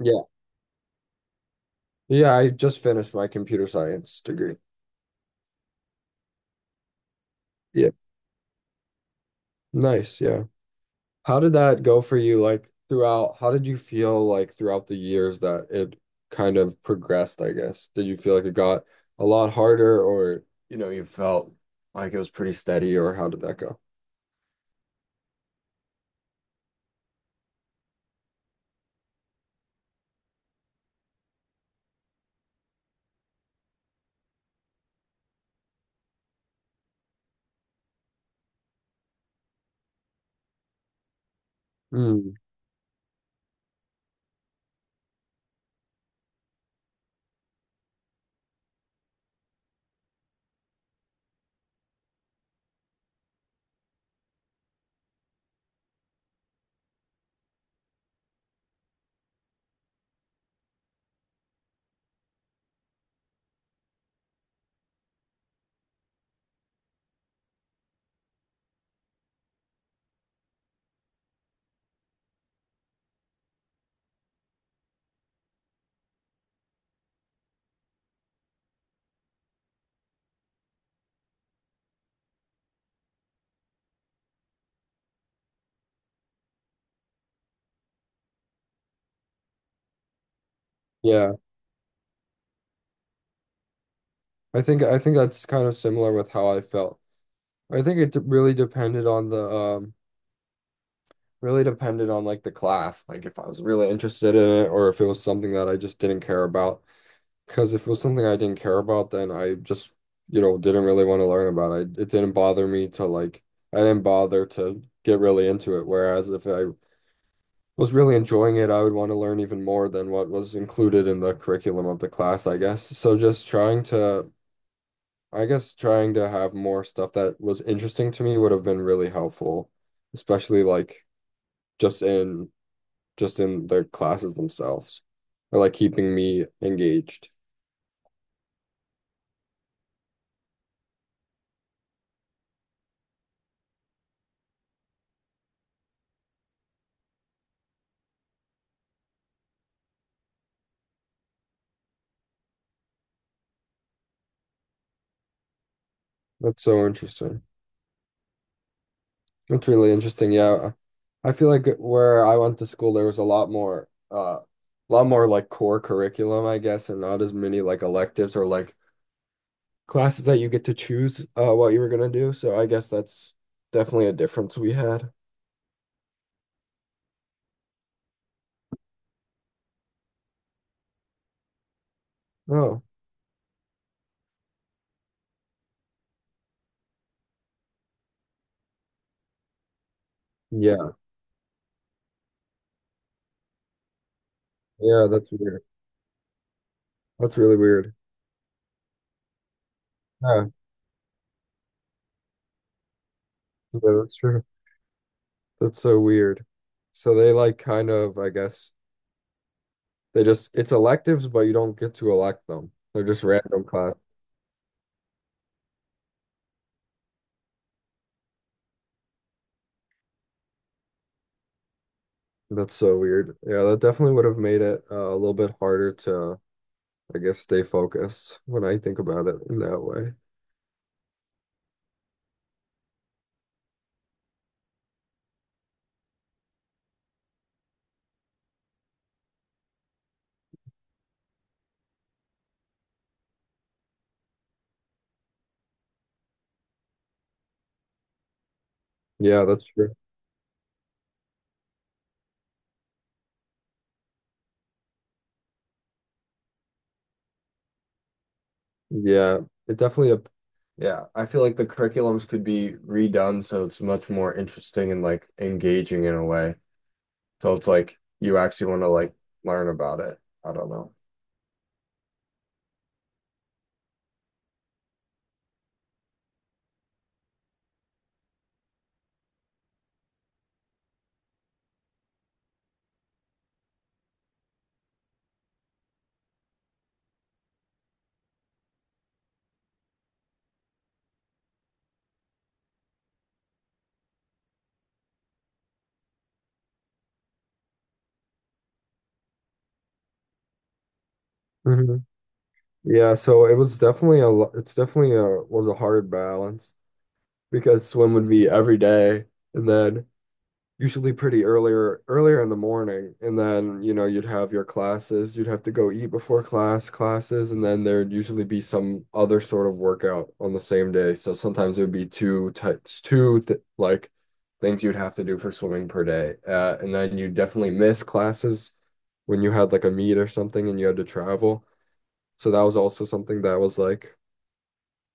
Yeah. Yeah, I just finished my computer science degree. Yeah. Nice, yeah. How did that go for you, like, throughout? How did you feel, like, throughout the years that it kind of progressed, I guess? Did you feel like it got a lot harder or, you know, you felt like it was pretty steady, or how did that go? Mm, yeah. I think that's kind of similar with how I felt. I think it really depended on like the class, like if I was really interested in it or if it was something that I just didn't care about. Because if it was something I didn't care about, then I just, you know, didn't really want to learn about it. It didn't bother me to like, I didn't bother to get really into it. Whereas if I was really enjoying it, I would want to learn even more than what was included in the curriculum of the class, I guess. So just trying to, I guess, trying to have more stuff that was interesting to me would have been really helpful, especially like just in just in the classes themselves, or like keeping me engaged. That's so interesting. That's really interesting. Yeah. I feel like where I went to school, there was a lot more like core curriculum, I guess, and not as many like electives or like classes that you get to choose, what you were gonna do. So I guess that's definitely a difference we had. Oh, yeah. Yeah, that's weird. That's really weird. Yeah, yeah, that's true. That's so weird. So they like kind of, I guess, they just, it's electives, but you don't get to elect them. They're just random class. That's so weird. Yeah, that definitely would have made it a little bit harder to, I guess, stay focused when I think about it in that way. Yeah, that's true. Yeah, it definitely a, yeah, I feel like the curriculums could be redone so it's much more interesting and like engaging in a way. So it's like you actually want to like learn about it. I don't know. Hmm. It's was a hard balance because swim would be every day and then usually pretty earlier in the morning, and then, you know, you'd have your classes, you'd have to go eat before classes, and then there'd usually be some other sort of workout on the same day. So sometimes it would be two types two th like things you'd have to do for swimming per day, and then you definitely miss classes when you had like a meet or something and you had to travel. So that was also something that was like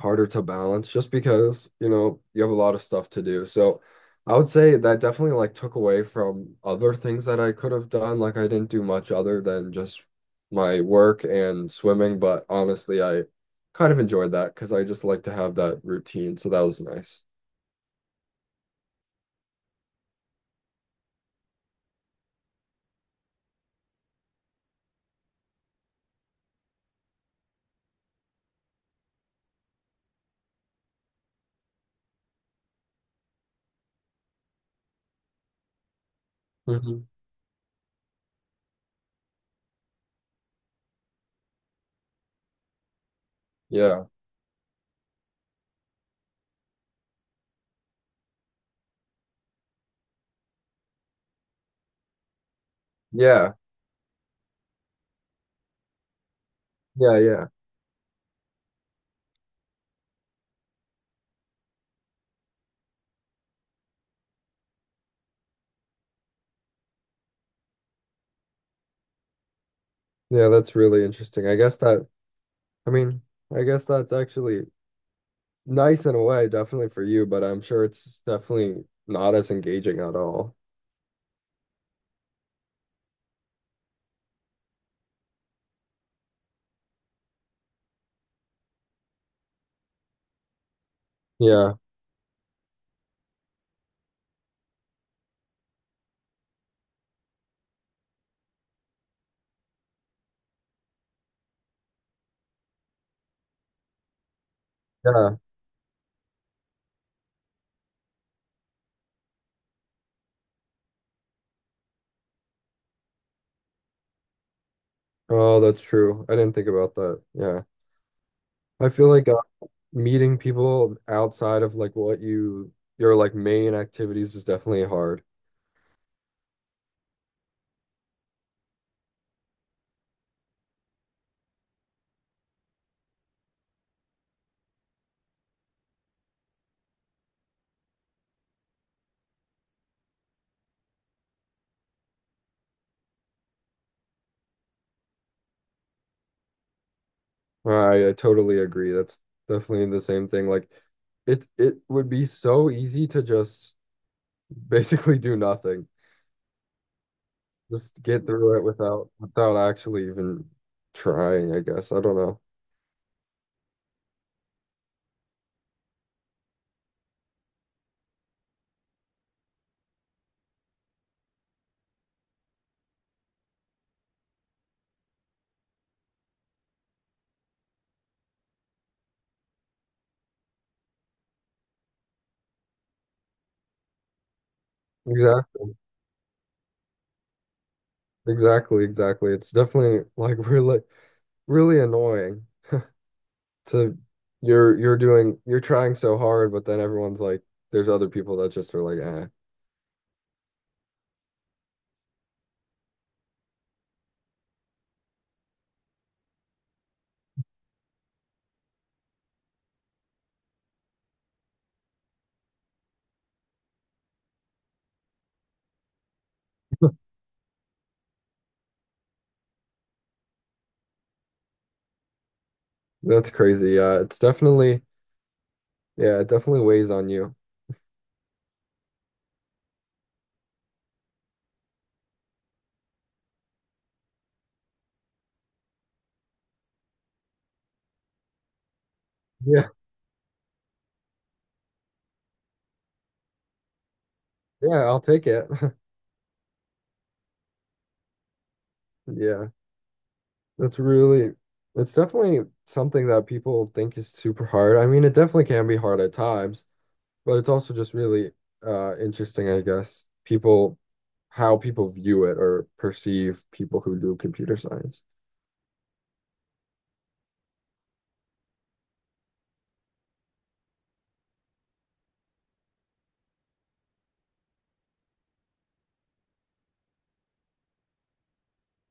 harder to balance just because, you know, you have a lot of stuff to do. So I would say that definitely like took away from other things that I could have done. Like I didn't do much other than just my work and swimming, but honestly, I kind of enjoyed that because I just like to have that routine. So that was nice. Hmm. Yeah. Yeah. Yeah. Yeah. Yeah. That's really interesting. I guess that, I mean, I guess that's actually nice in a way, definitely for you, but I'm sure it's definitely not as engaging at all. Yeah. Yeah. Oh, that's true. I didn't think about that. Yeah. I feel like meeting people outside of like what you your like main activities is definitely hard. I totally agree. That's definitely the same thing. Like it would be so easy to just basically do nothing. Just get through it without actually even trying, I guess. I don't know. Exactly. Exactly. It's definitely like really annoying. To you're doing, you're trying so hard, but then everyone's like, there's other people that just are like, eh, that's crazy. It's definitely, yeah, it definitely weighs on you. Yeah, yeah, I'll take it. Yeah, that's really, it's definitely something that people think is super hard. I mean, it definitely can be hard at times, but it's also just really interesting, I guess. People, how people view it or perceive people who do computer science.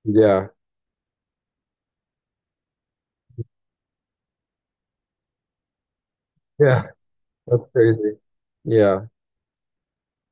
Yeah. Yeah. That's crazy. Yeah.